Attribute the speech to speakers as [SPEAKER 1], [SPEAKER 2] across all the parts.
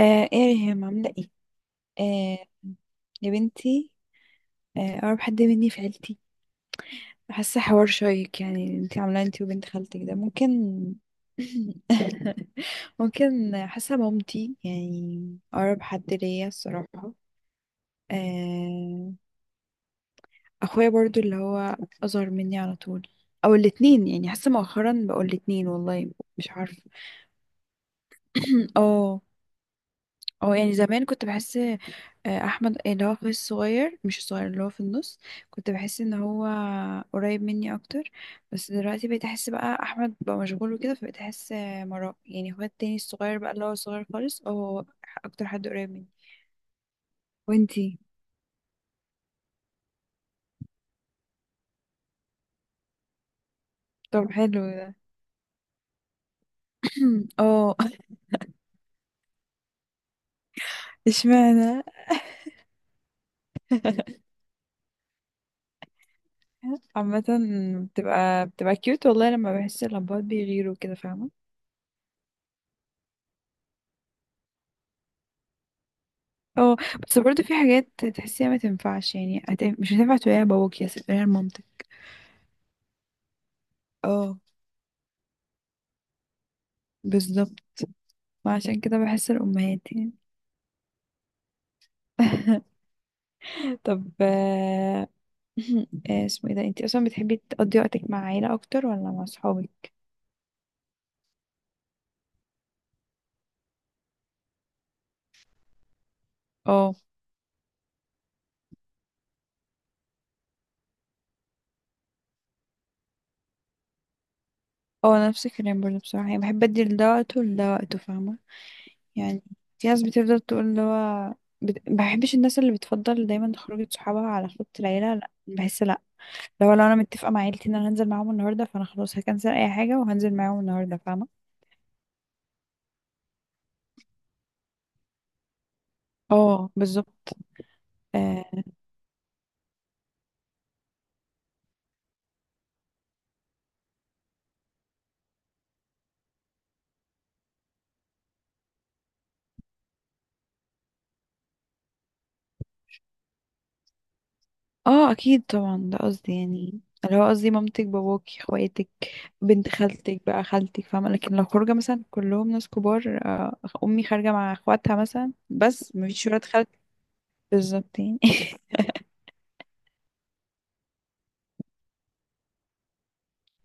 [SPEAKER 1] ايه يا ريهام، عاملة ايه؟ آه يا بنتي. آه، اقرب حد مني في عيلتي؟ حاسة حوار شيق يعني اللي انتي عاملاه انتي وبنت خالتك ده، ممكن ممكن، حاسة مامتي يعني اقرب حد ليا الصراحة. آه. اخويا برضو، اللي هو اصغر مني على طول، او الاتنين، يعني حاسة مؤخرا بقول الاتنين والله. مش عارفة. اه. اه يعني زمان كنت بحس احمد اللي هو اخوي الصغير، مش الصغير اللي هو في النص، كنت بحس ان هو قريب مني اكتر. بس دلوقتي بقيت احس بقى احمد بقى مشغول وكده، فبقيت احس مراه يعني اخويا التاني الصغير بقى، اللي هو صغير خالص، اه هو اكتر حد قريب مني. وانتي؟ طب حلو ده. اه. اشمعنى؟ عامة بتبقى كيوت والله، لما بحس اللمبات بيغيروا كده، فاهمة. اه، بس برضه في حاجات تحسيها ما تنفعش، يعني مش هتنفع تقوليها لباباك يا تقوليها لمامتك. اه، بالظبط. وعشان كده بحس الأمهات يعني طب اسمه ايه ده، انتي اصلا بتحبي تقضي وقتك مع عيلة اكتر ولا مع صحابك؟ اه، اه، نفس الكلام برضه بصراحة، يعني بحب ادي لده وقته ولده وقته فاهمة. يعني في ناس بتفضل تقول اللي هو بحبش الناس اللي بتفضل دايما خروجة صحابها على خروجة العيلة، لا بحس لو انا متفقه مع عيلتي ان انا هنزل معاهم النهارده، فانا خلاص هكنسل اي حاجه وهنزل معاهم النهارده، فاهمه. اه بالظبط. اه آه، اكيد طبعا ده قصدي، يعني اللي هو قصدي مامتك باباكي اخواتك بنت خالتك بقى خالتك فاهمه، لكن لو خروجه مثلا كلهم ناس كبار آه، امي خارجه مع اخواتها مثلا بس مفيش ولاد خالتي، بالظبط يعني.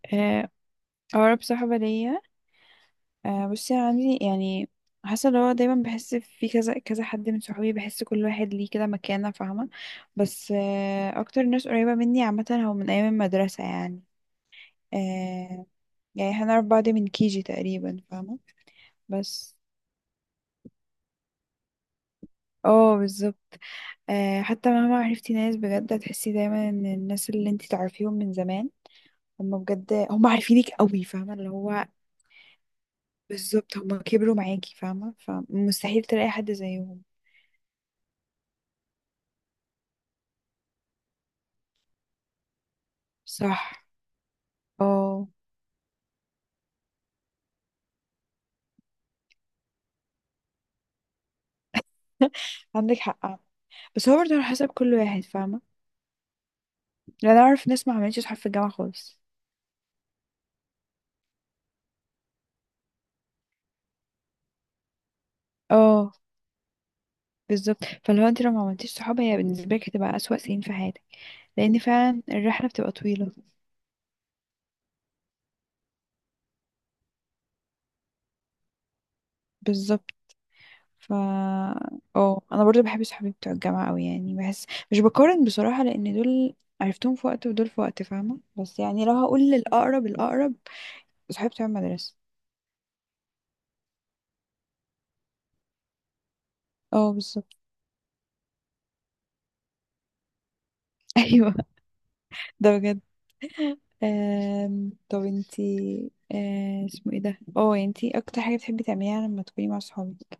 [SPEAKER 1] آه، اقرب صاحبه ليا، آه بصي أنا عندي يعني، حاسه اللي هو دايما بحس في كذا كذا حد من صحابي، بحس كل واحد ليه كده مكانه فاهمه. بس آه اكتر ناس قريبه مني عامه، هو من ايام المدرسه يعني. آه. يعني احنا نعرف بعض من كيجي تقريبا فاهمه. بس اه بالظبط. آه، حتى مهما عرفتي ناس، بجد هتحسي دايما ان الناس اللي انتي تعرفيهم من زمان هم بجد هم عارفينك قوي، فاهمه اللي هو، بالظبط هم كبروا معاكي فاهمه، فمستحيل تلاقي حد زيهم. صح. اه. عندك حق آه. بس هو برضه على حسب كل واحد فاهمة. لأن أنا أعرف ناس ما عملتش صحاب في الجامعة خالص. اه. بالظبط، فلو انت لو ما عملتيش صحاب، هي بالنسبة لك هتبقى أسوأ سنين في حياتك، لأن فعلا الرحلة بتبقى طويلة. بالظبط. ف اه أنا برضه بحب صحابي بتوع الجامعة أوي، يعني بحس مش بقارن بصراحة، لأن دول عرفتهم في وقت ودول في وقت فاهمة، بس يعني لو هقول للأقرب الأقرب، صحابي بتوع المدرسة. اه بالظبط. ايوه. ده بجد. طب انتي اسمه ايه ده، اه انتي اكتر حاجة بتحبي تعمليها لما تكوني مع صحابك؟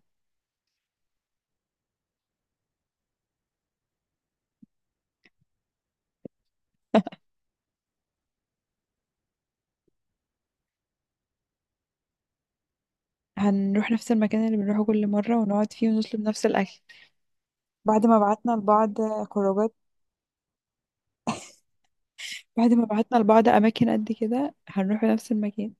[SPEAKER 1] هنروح نفس المكان اللي بنروحه كل مرة، ونقعد فيه ونطلب نفس الأكل. بعد ما بعتنا لبعض خروجات، بعد ما بعتنا لبعض أماكن قد كده، هنروح نفس المكان.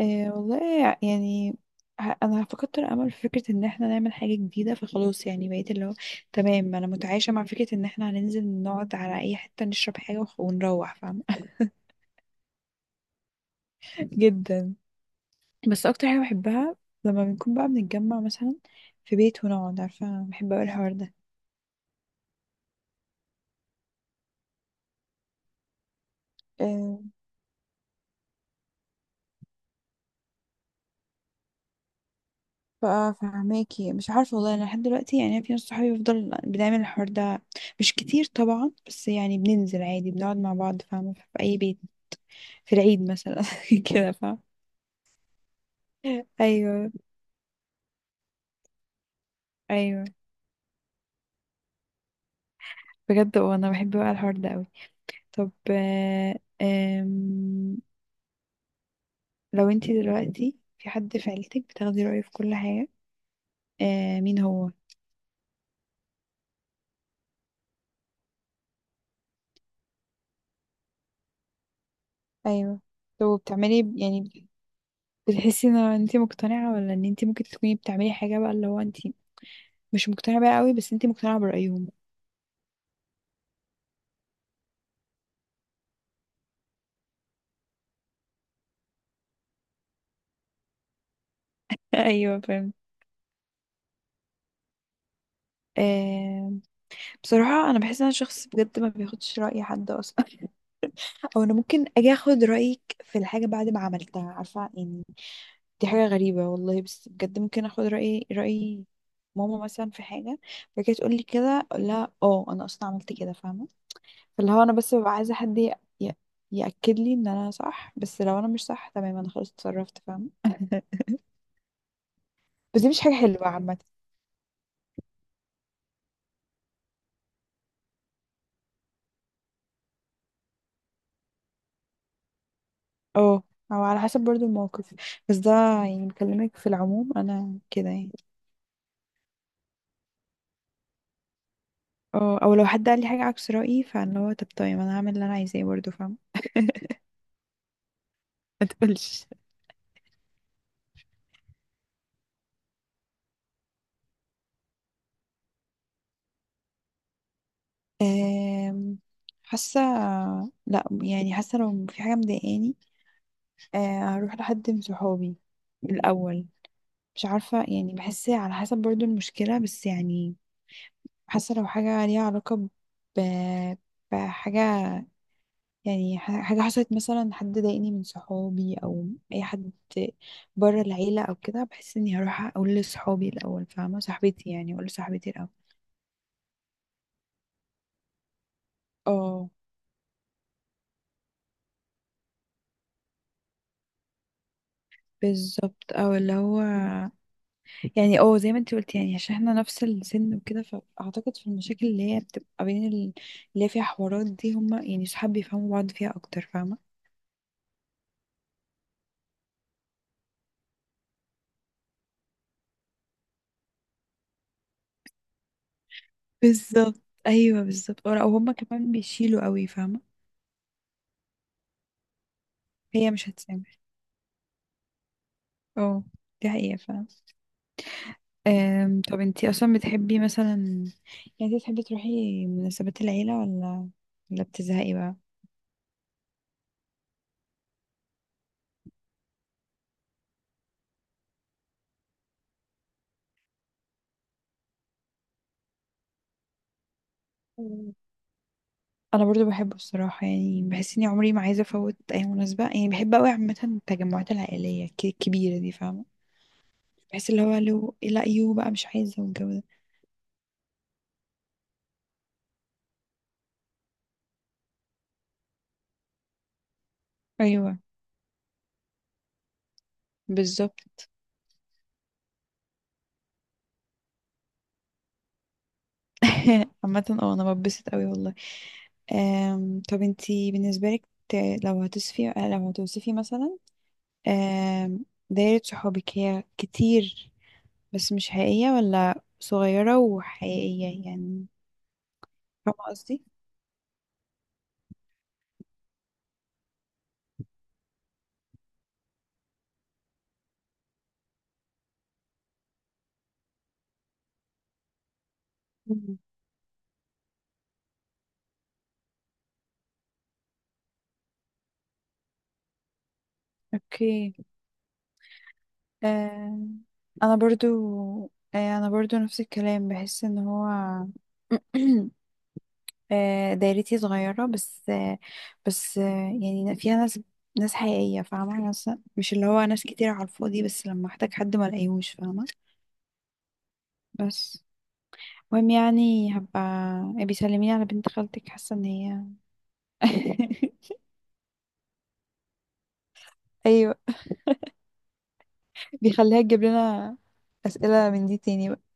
[SPEAKER 1] آه والله يعني، أنا فقدت الأمل في فكرة إن احنا نعمل حاجة جديدة، فخلاص يعني بقيت اللي هو تمام، أنا متعايشة مع فكرة إن احنا هننزل نقعد على أي حتة نشرب حاجة ونروح فاهمة. جدا. بس اكتر حاجه بحبها، لما بنكون بقى بنتجمع مثلا في بيت ونقعد، عارفه بحب اوي الحوار ده. أه بقى فهماكي، مش عارفه والله، انا لحد دلوقتي يعني في ناس صحابي بفضل بنعمل الحوار ده، مش كتير طبعا، بس يعني بننزل عادي بنقعد مع بعض فاهمه في اي بيت، في العيد مثلا كده فاهمه. ايوه، ايوه. بجد وانا بحب بقى الحوار ده قوي. طب آم، لو انتي دلوقتي في حد في عيلتك بتاخدي رأيه في كل حاجه، مين هو؟ ايوه. طب بتعملي يعني، بتحسي ان انت مقتنعة ولا ان انت ممكن تكوني بتعملي حاجة بقى اللي هو انت مش مقتنعة بيها قوي، بس انت مقتنعة برأيهم؟ ايوه فاهم. آه، بصراحة أنا بحس إن أنا شخص بجد ما بياخدش رأي حد أصلا أو أنا ممكن أجي أخد رأيك في الحاجة بعد ما عملتها، عارفة يعني. دي حاجة غريبة والله، بس بجد ممكن أخد رأي ماما مثلا في حاجة، فكانت تقول لي كده أقول لها أه أنا أصلا عملت كده فاهمة. فاللي هو انا بس ببقى عايزه حد ي- ياكد لي ان انا صح، بس لو انا مش صح تمام، انا خلاص اتصرفت فاهم. بس دي مش حاجه حلوه عامه. اه، او على حسب برضو الموقف، بس ده يعني بكلمك في العموم انا كده يعني. اه، او لو حد قال لي حاجه عكس رايي، فاللي هو طب طيب، انا هعمل اللي انا عايزاه برضو فاهم. ما تقولش. آم، حاسه، لا يعني حاسه لو في حاجه مضايقاني، هروح لحد من صحابي الاول. مش عارفة يعني بحس على حسب برضو المشكلة، بس يعني حاسة لو حاجة ليها علاقة ب... بحاجة، يعني حاجة حصلت مثلا، حد ضايقني من صحابي أو أي حد بره العيلة أو كده، بحس إني هروح أقول لصحابي الأول فاهمة، صاحبتي يعني، أقول لصاحبتي الأول. اه بالظبط، أو اللي هو يعني اه زي ما انت قلت يعني عشان احنا نفس السن وكده، فأعتقد في المشاكل اللي هي بتبقى بين اللي هي فيها حوارات دي، هما يعني صحاب بيفهموا بعض فيها أكتر فاهمة. بالظبط ايوه بالظبط. او هما كمان بيشيلوا قوي فاهمه، هي مش هتسامح. اه، دي حقيقه فاهمه. طب انتي اصلا بتحبي مثلا، يعني انتي بتحبي تروحي مناسبات العيله، ولا بتزهقي بقى؟ مم. انا برضو بحبه الصراحه، يعني بحس اني عمري ما عايزه افوت اي مناسبه، يعني بحب قوي عامه التجمعات العائليه الكبيره دي فاهمه، بحس اللي هو لو لا يو بقى مش عايزه والجو ده. ايوه بالظبط. عامه اه انا بتبسط قوي والله. طب انتي بالنسبة لك، ت- لو هتوصفي مثلا، دايرة صحابك، هي كتير بس مش حقيقية، ولا صغيرة وحقيقية يعني، فاهمة قصدي؟ مم. اوكي. أم، انا برضو انا برضو نفس الكلام، بحس ان هو أه، دايرتي صغيرة، بس يعني فيها ناس حقيقية فاهمة، ناس مش اللي هو ناس كتير على الفاضي، بس لما احتاج حد ما الاقيهوش فاهمة. بس المهم يعني، هبقى بيسلميني على بنت خالتك، حاسة ان هي ايوه، بيخليها تجيب لنا اسئلة من دي تاني.